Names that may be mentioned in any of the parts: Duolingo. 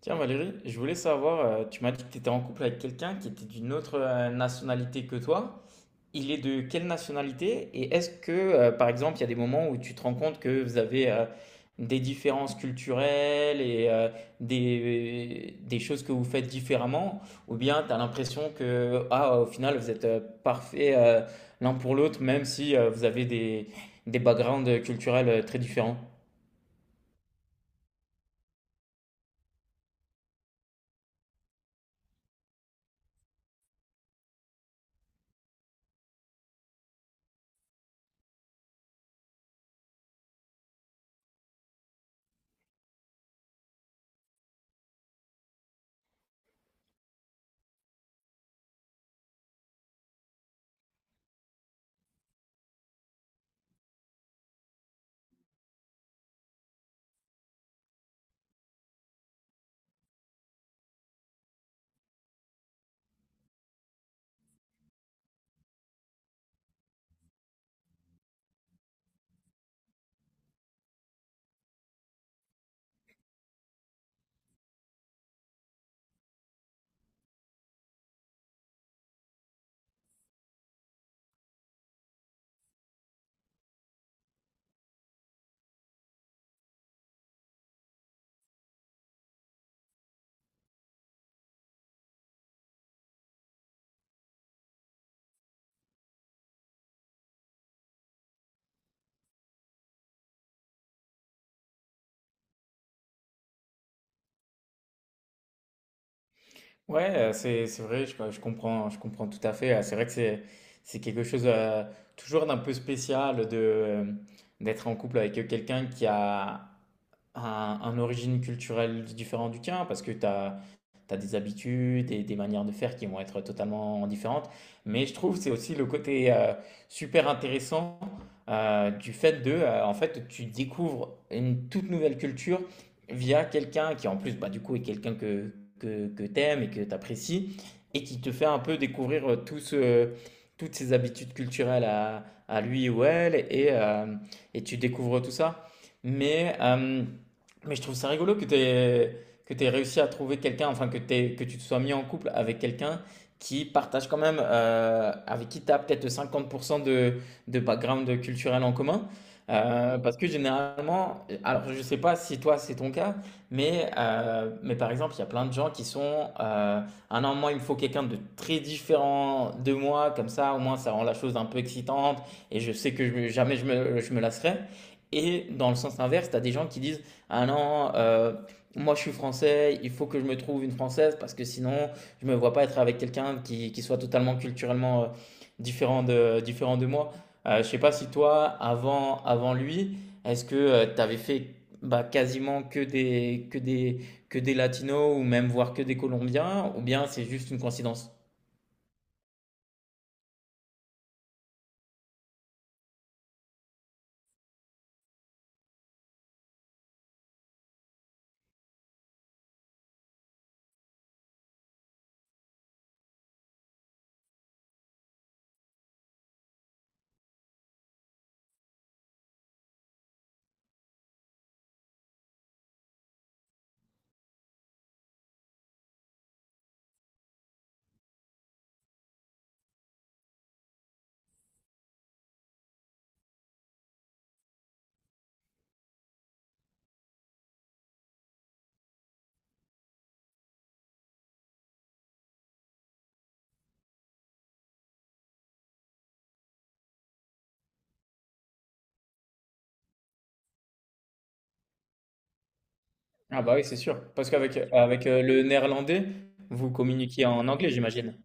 Tiens Valérie, je voulais savoir, tu m'as dit que tu étais en couple avec quelqu'un qui était d'une autre nationalité que toi. Il est de quelle nationalité? Et est-ce que, par exemple, il y a des moments où tu te rends compte que vous avez des différences culturelles et des choses que vous faites différemment? Ou bien tu as l'impression que, ah, au final, vous êtes parfaits l'un pour l'autre, même si vous avez des backgrounds culturels très différents? Ouais, c'est vrai, je comprends, je comprends tout à fait. C'est vrai que c'est quelque chose toujours d'un peu spécial de d'être en couple avec quelqu'un qui a un origine culturelle différente du tien, parce que tu as, des habitudes et des manières de faire qui vont être totalement différentes. Mais je trouve que c'est aussi le côté super intéressant du fait de, en fait, tu découvres une toute nouvelle culture via quelqu'un qui, en plus, bah, du coup, est quelqu'un que t'aimes et que t'apprécies, et qui te fait un peu découvrir toutes ses habitudes culturelles à lui ou elle, et tu découvres tout ça. Mais euh, mais je trouve ça rigolo que tu aies, que tu réussi à trouver quelqu'un, enfin que, t'aies- que tu te sois mis en couple avec quelqu'un qui partage quand même, avec qui tu as peut-être 50% de background culturel en commun. Parce que généralement, alors je ne sais pas si toi c'est ton cas, mais par exemple, il y a plein de gens qui sont, ah non, moi il me faut quelqu'un de très différent de moi, comme ça au moins ça rend la chose un peu excitante et je sais que jamais je me lasserai. Et dans le sens inverse, tu as des gens qui disent, ah non, moi je suis français, il faut que je me trouve une française parce que sinon je me vois pas être avec quelqu'un qui soit totalement culturellement, différent de moi. Je sais pas si toi avant lui, est-ce que, tu avais fait, bah, quasiment que des latinos ou même voire que des colombiens ou bien c'est juste une coïncidence? Ah bah oui, c'est sûr, parce qu'avec, le néerlandais, vous communiquiez en anglais, j'imagine?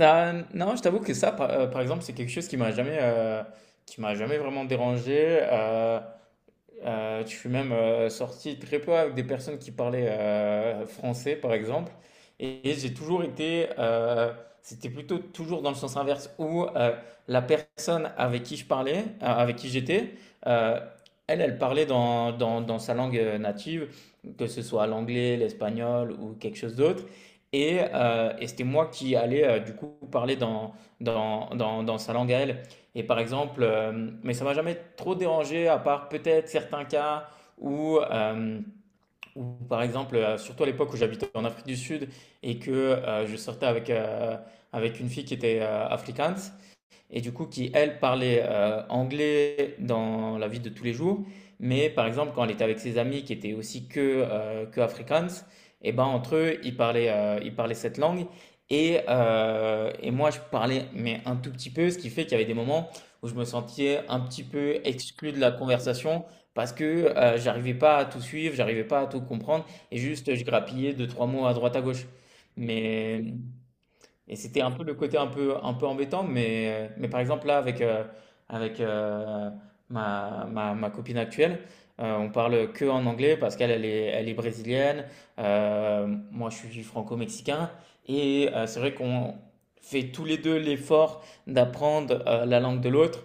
Ah, non, je t'avoue que ça, par, par exemple, c'est quelque chose qui m'a jamais vraiment dérangé. Euh, je suis même sorti très peu avec des personnes qui parlaient français, par exemple. Et j'ai toujours été, c'était plutôt toujours dans le sens inverse, où la personne avec qui je parlais, avec qui j'étais, euh, elle, elle parlait dans sa langue native, que ce soit l'anglais, l'espagnol ou quelque chose d'autre. Et c'était moi qui allais du coup parler dans sa langue à elle. Et par exemple, mais ça m'a jamais trop dérangé, à part peut-être certains cas où, euh, où, par exemple, surtout à l'époque où j'habitais en Afrique du Sud et que je sortais avec, avec une fille qui était afrikaans, et du coup qui, elle, parlait anglais dans la vie de tous les jours, mais par exemple quand elle était avec ses amis qui étaient aussi que Afrikaans, et ben entre eux, ils parlaient cette langue, et moi je parlais mais un tout petit peu, ce qui fait qu'il y avait des moments où je me sentais un petit peu exclu de la conversation. Parce que j'arrivais pas à tout suivre, j'arrivais pas à tout comprendre, et juste je grappillais deux, trois mots à droite à gauche. Mais, et c'était un peu le côté un peu embêtant, mais par exemple là avec, avec euh, ma copine actuelle, on parle que en anglais parce qu'elle elle est brésilienne, moi je suis franco-mexicain, et c'est vrai qu'on fait tous les deux l'effort d'apprendre la langue de l'autre,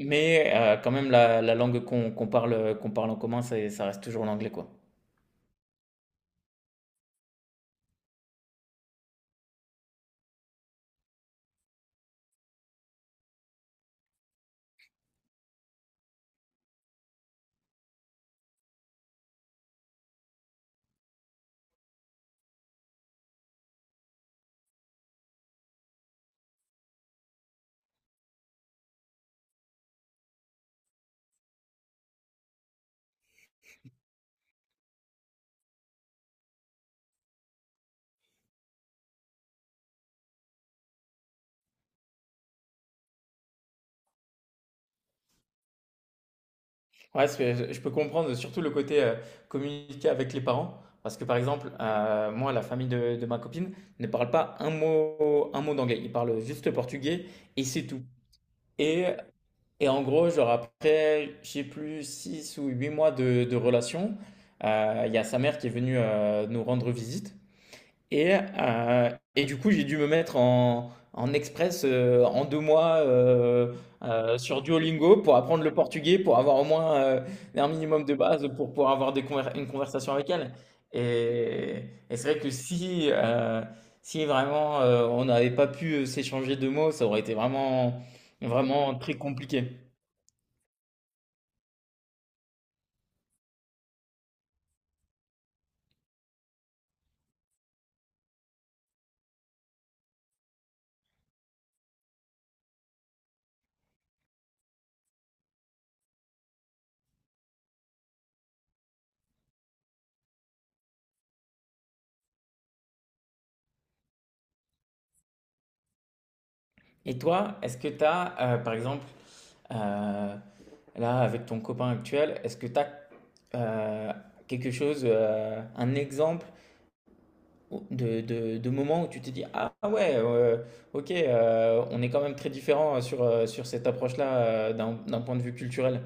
mais quand même la langue qu'on parle, qu'on parle en commun, ça reste toujours l'anglais quoi. Ouais, je peux comprendre surtout le côté communiquer avec les parents. Parce que par exemple, moi, la famille de ma copine ne parle pas un mot d'anglais. Ils parlent juste le portugais et c'est tout. Et, et en gros, genre après, je sais plus, 6 ou 8 mois de relation, il y a sa mère qui est venue nous rendre visite. Et, euh, et du coup, j'ai dû me mettre en, en express en 2 mois sur Duolingo pour apprendre le portugais, pour avoir au moins un minimum de base, pour pouvoir avoir une conversation avec elle. Et, et c'est vrai que si, si vraiment on n'avait pas pu s'échanger de mots, ça aurait été vraiment, vraiment très compliqué. Et toi, est-ce que tu as, par exemple, Euh, là, avec ton copain actuel, est-ce que tu as euh, quelque chose, un exemple de moment où tu t'es dit, ah ouais, ok, on est quand même très différents sur, sur cette approche-là d'un point de vue culturel.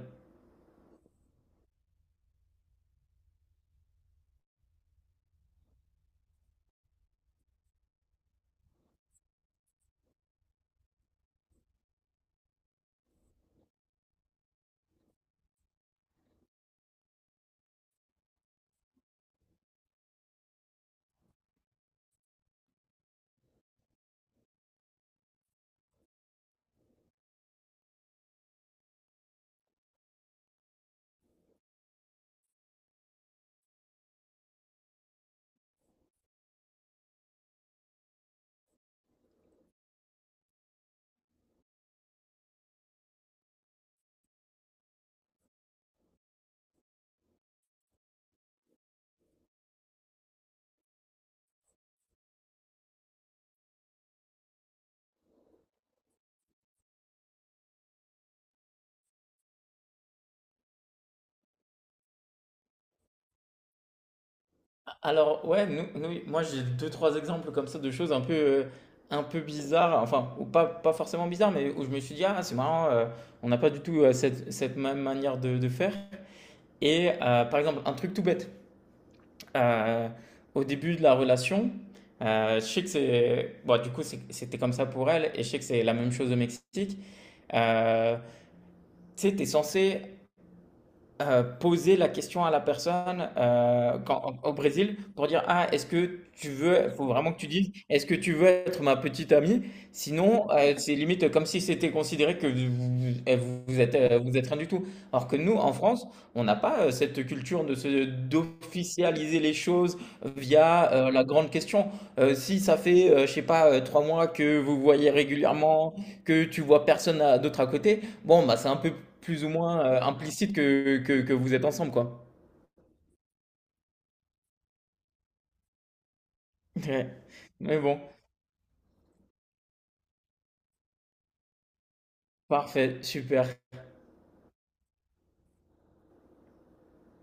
Alors ouais, moi j'ai deux, trois exemples comme ça de choses un peu bizarres, enfin, ou pas, pas forcément bizarres, mais où je me suis dit, ah c'est marrant, on n'a pas du tout cette même manière de faire. Et par exemple, un truc tout bête. euh, au début de la relation, je sais que c'est. Bon, du coup, c'était comme ça pour elle, et je sais que c'est la même chose au Mexique. Euh, tu sais, t'es censé poser la question à la personne au Brésil pour dire, ah, est-ce que tu veux, faut vraiment que tu dises, est-ce que tu veux être ma petite amie? Sinon, c'est limite comme si c'était considéré que vous, eh, vous êtes rien du tout. Alors que nous, en France, on n'a pas cette culture de se, d'officialiser les choses via la grande question. Si ça fait, je sais pas, 3 mois que vous voyez régulièrement, que tu vois personne d'autre à côté, bon, bah, c'est un peu plus ou moins implicite que vous êtes ensemble, quoi. Ouais. Mais bon, parfait, super.